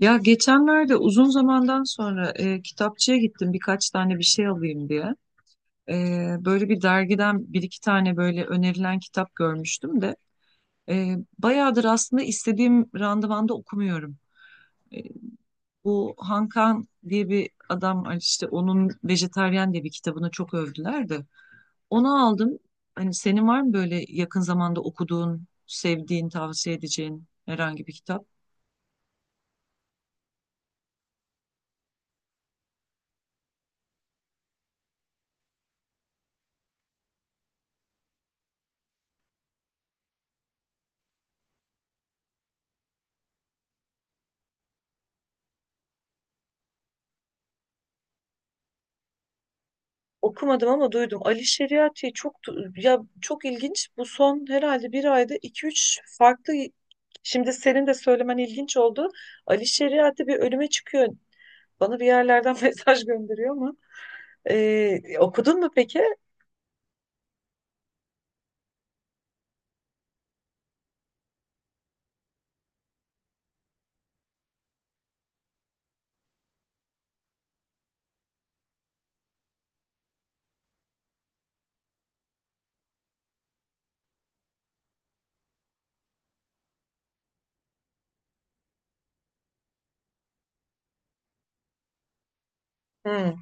Ya geçenlerde uzun zamandan sonra kitapçıya gittim birkaç tane bir şey alayım diye. E, Böyle bir dergiden bir iki tane böyle önerilen kitap görmüştüm de bayağıdır aslında istediğim randevanda okumuyorum. E, Bu Hankan diye bir adam var işte onun Vejetaryen diye bir kitabını çok övdüler de. Onu aldım. Hani senin var mı böyle yakın zamanda okuduğun, sevdiğin, tavsiye edeceğin herhangi bir kitap? Okumadım ama duydum. Ali Şeriati çok ya çok ilginç. Bu son herhalde bir ayda iki üç farklı. Şimdi senin de söylemen ilginç oldu. Ali Şeriati bir ölüme çıkıyor. Bana bir yerlerden mesaj gönderiyor ama. Okudun mu peki? Hmm,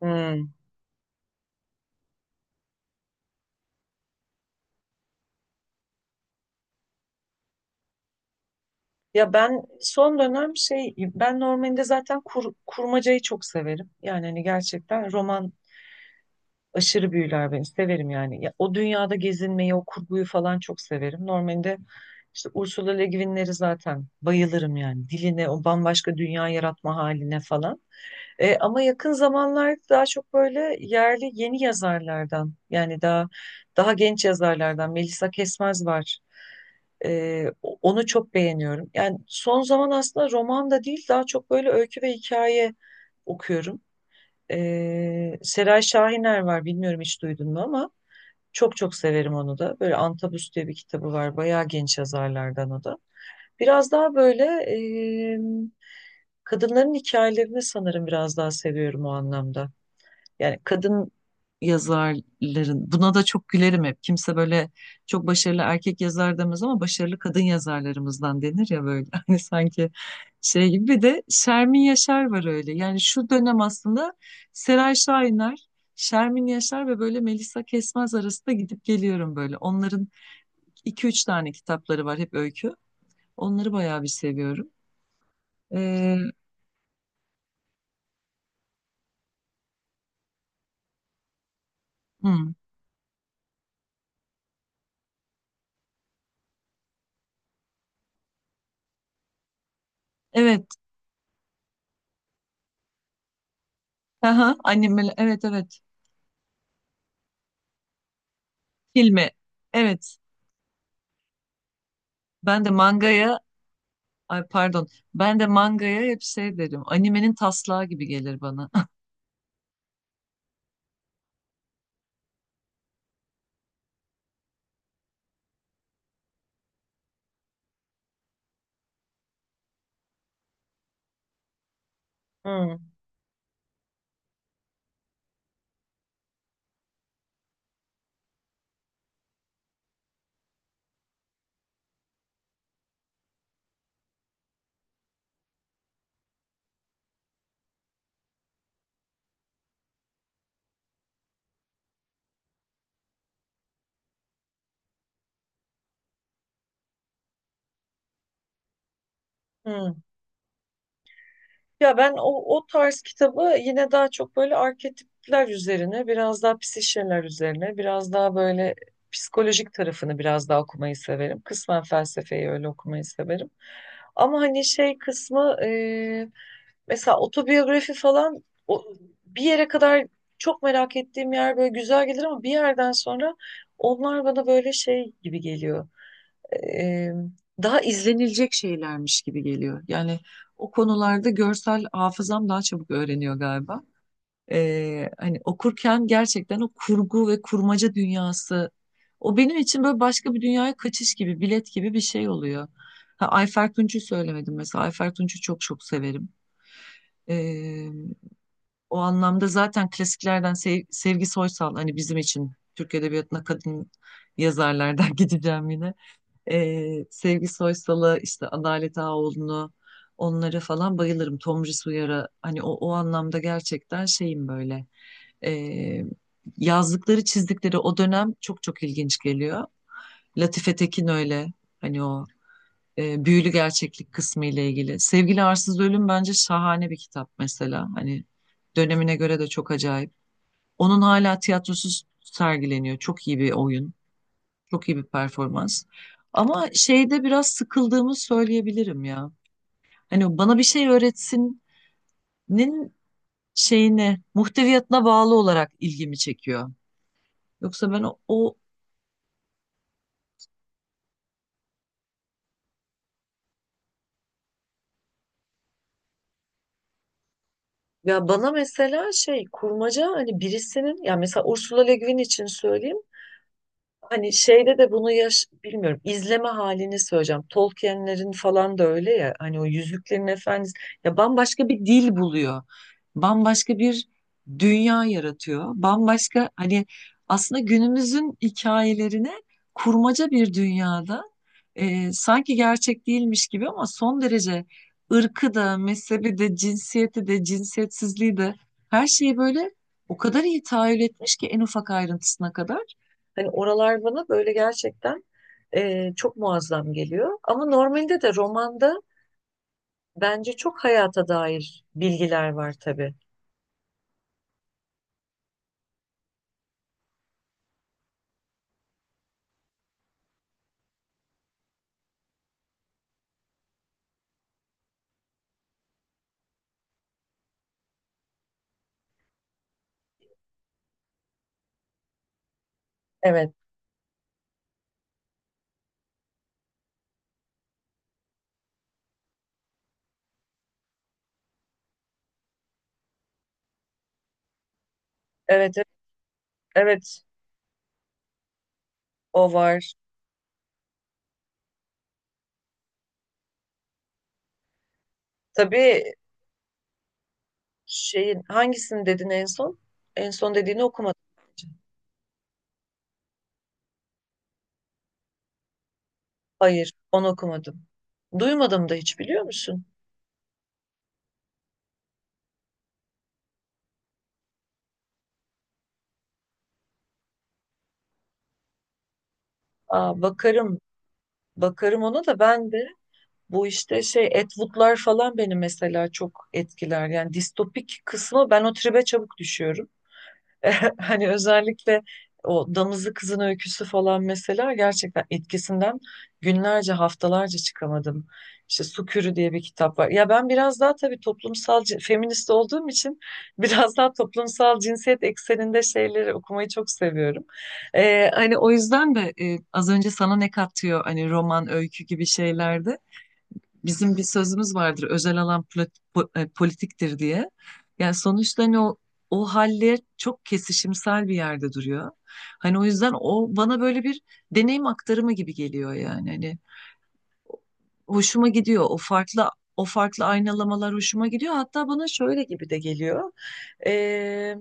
hmm. Ya ben son dönem şey ben normalde zaten kurmacayı çok severim. Yani hani gerçekten roman aşırı büyüler beni. Severim yani. Ya, o dünyada gezinmeyi, o kurguyu falan çok severim. Normalde işte Ursula Le Guin'leri zaten bayılırım yani. Diline, o bambaşka dünya yaratma haline falan. Ama yakın zamanlarda daha çok böyle yerli yeni yazarlardan yani daha genç yazarlardan Melisa Kesmez var. Onu çok beğeniyorum. Yani son zaman aslında roman da değil daha çok böyle öykü ve hikaye okuyorum. Seray Şahiner var, bilmiyorum hiç duydun mu ama çok çok severim onu da. Böyle Antabus diye bir kitabı var. Bayağı genç yazarlardan o da. Biraz daha böyle e, kadınların hikayelerini sanırım biraz daha seviyorum o anlamda. Yani kadın yazarların buna da çok gülerim hep. Kimse böyle çok başarılı erkek yazar demez ama başarılı kadın yazarlarımızdan denir ya böyle. Hani sanki şey gibi bir de Şermin Yaşar var öyle. Yani şu dönem aslında Seray Şahinler, Şermin Yaşar ve böyle Melisa Kesmez arasında gidip geliyorum böyle. Onların iki üç tane kitapları var hep öykü. Onları bayağı bir seviyorum. Ee, hmm, evet. Aha, annem, evet, evet. Filmi. Evet. Ben de mangaya, ay pardon, ben de mangaya hep şey derim. Animenin taslağı gibi gelir bana. Hmm, hmm. Ya ben o tarz kitabı yine daha çok böyle arketipler üzerine, biraz daha psişeler üzerine, biraz daha böyle psikolojik tarafını biraz daha okumayı severim. Kısmen felsefeyi öyle okumayı severim. Ama hani şey kısmı mesela otobiyografi falan o, bir yere kadar çok merak ettiğim yer böyle güzel gelir ama bir yerden sonra onlar bana böyle şey gibi geliyor. Eee, Daha izlenilecek şeylermiş gibi geliyor. Yani o konularda görsel hafızam daha çabuk öğreniyor galiba. Hani okurken gerçekten o kurgu ve kurmaca dünyası o benim için böyle başka bir dünyaya kaçış gibi, bilet gibi bir şey oluyor. Ha, Ayfer Tunç'u söylemedim mesela. Ayfer Tunç'u çok çok severim. O anlamda zaten klasiklerden Sevgi Soysal hani bizim için Türk Edebiyatı'na kadın yazarlardan gideceğim yine. Sevgi Soysal'a işte Adalet Ağaoğlu'nu onlara falan bayılırım. Tomris Uyar'a hani o anlamda gerçekten şeyim böyle. Ee, Yazdıkları çizdikleri o dönem çok çok ilginç geliyor. Latife Tekin öyle hani o büyülü gerçeklik kısmı ile ilgili. Sevgili Arsız Ölüm bence şahane bir kitap mesela. Hani dönemine göre de çok acayip. Onun hala tiyatrosuz sergileniyor. Çok iyi bir oyun, çok iyi bir performans. Ama şeyde biraz sıkıldığımı söyleyebilirim ya. Hani bana bir şey öğretsinin şeyine, muhteviyatına bağlı olarak ilgimi çekiyor. Yoksa ben o, o-. Ya bana mesela şey kurmaca hani birisinin ya mesela Ursula Le Guin için söyleyeyim. Hani şeyde de bunu yaş bilmiyorum izleme halini söyleyeceğim. Tolkien'lerin falan da öyle ya hani o Yüzüklerin Efendisi ya bambaşka bir dil buluyor. Bambaşka bir dünya yaratıyor. Bambaşka hani aslında günümüzün hikayelerine kurmaca bir dünyada sanki gerçek değilmiş gibi ama son derece ırkı da mezhebi de cinsiyeti de cinsiyetsizliği de her şeyi böyle o kadar iyi tahayyül etmiş ki en ufak ayrıntısına kadar. Hani oralar bana böyle gerçekten çok muazzam geliyor. Ama normalde de romanda bence çok hayata dair bilgiler var tabii. Evet, evet, evet, evet, o var. Tabii şeyin hangisini dedin en son? En son dediğini okumadım bence. Hayır, onu okumadım. Duymadım da hiç biliyor musun? Aa, bakarım, bakarım ona da. Ben de bu işte şey Atwood'lar falan beni mesela çok etkiler. Yani distopik kısmı ben o tribe çabuk düşüyorum. Hani özellikle o Damızlı Kızın Öyküsü falan mesela gerçekten etkisinden günlerce haftalarca çıkamadım. İşte Sukürü diye bir kitap var. Ya ben biraz daha tabii toplumsal feminist olduğum için biraz daha toplumsal cinsiyet ekseninde şeyleri okumayı çok seviyorum. Hani o yüzden de az önce sana ne katıyor hani roman, öykü gibi şeylerde bizim bir sözümüz vardır özel alan politiktir diye. Yani sonuçta hani o haller çok kesişimsel bir yerde duruyor. Hani o yüzden o bana böyle bir deneyim aktarımı gibi geliyor yani. Hani hoşuma gidiyor o farklı aynalamalar hoşuma gidiyor. Hatta bana şöyle gibi de geliyor. Ee,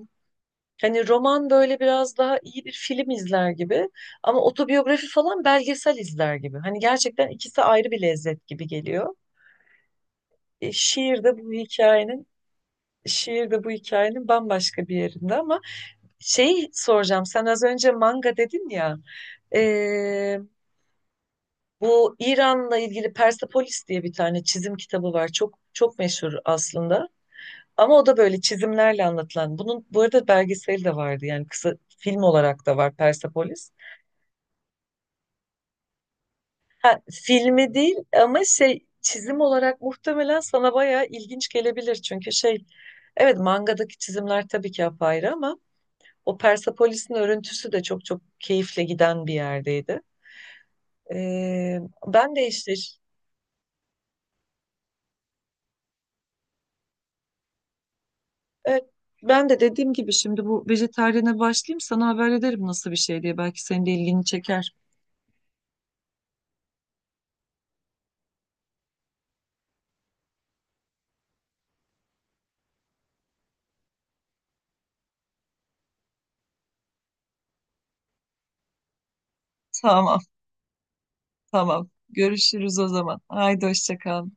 Hani roman böyle biraz daha iyi bir film izler gibi ama otobiyografi falan belgesel izler gibi. Hani gerçekten ikisi ayrı bir lezzet gibi geliyor. E, şiir de bu hikayenin şiir de bu hikayenin bambaşka bir yerinde ama şeyi soracağım. Sen az önce manga dedin ya. e, Bu İran'la ilgili Persepolis diye bir tane çizim kitabı var. Çok çok meşhur aslında. Ama o da böyle çizimlerle anlatılan. Bunun bu arada belgeseli de vardı. Yani kısa film olarak da var Persepolis. Ha, filmi değil ama şey çizim olarak muhtemelen sana bayağı ilginç gelebilir. Çünkü şey evet mangadaki çizimler tabii ki apayrı ama o Persepolis'in örüntüsü de çok çok keyifle giden bir yerdeydi. Ee, Ben de işte evet, ben de dediğim gibi şimdi bu vejetaryene başlayayım sana haber ederim nasıl bir şey diye. Belki senin de ilgini çeker. Tamam. Tamam. Görüşürüz o zaman. Haydi hoşça kal.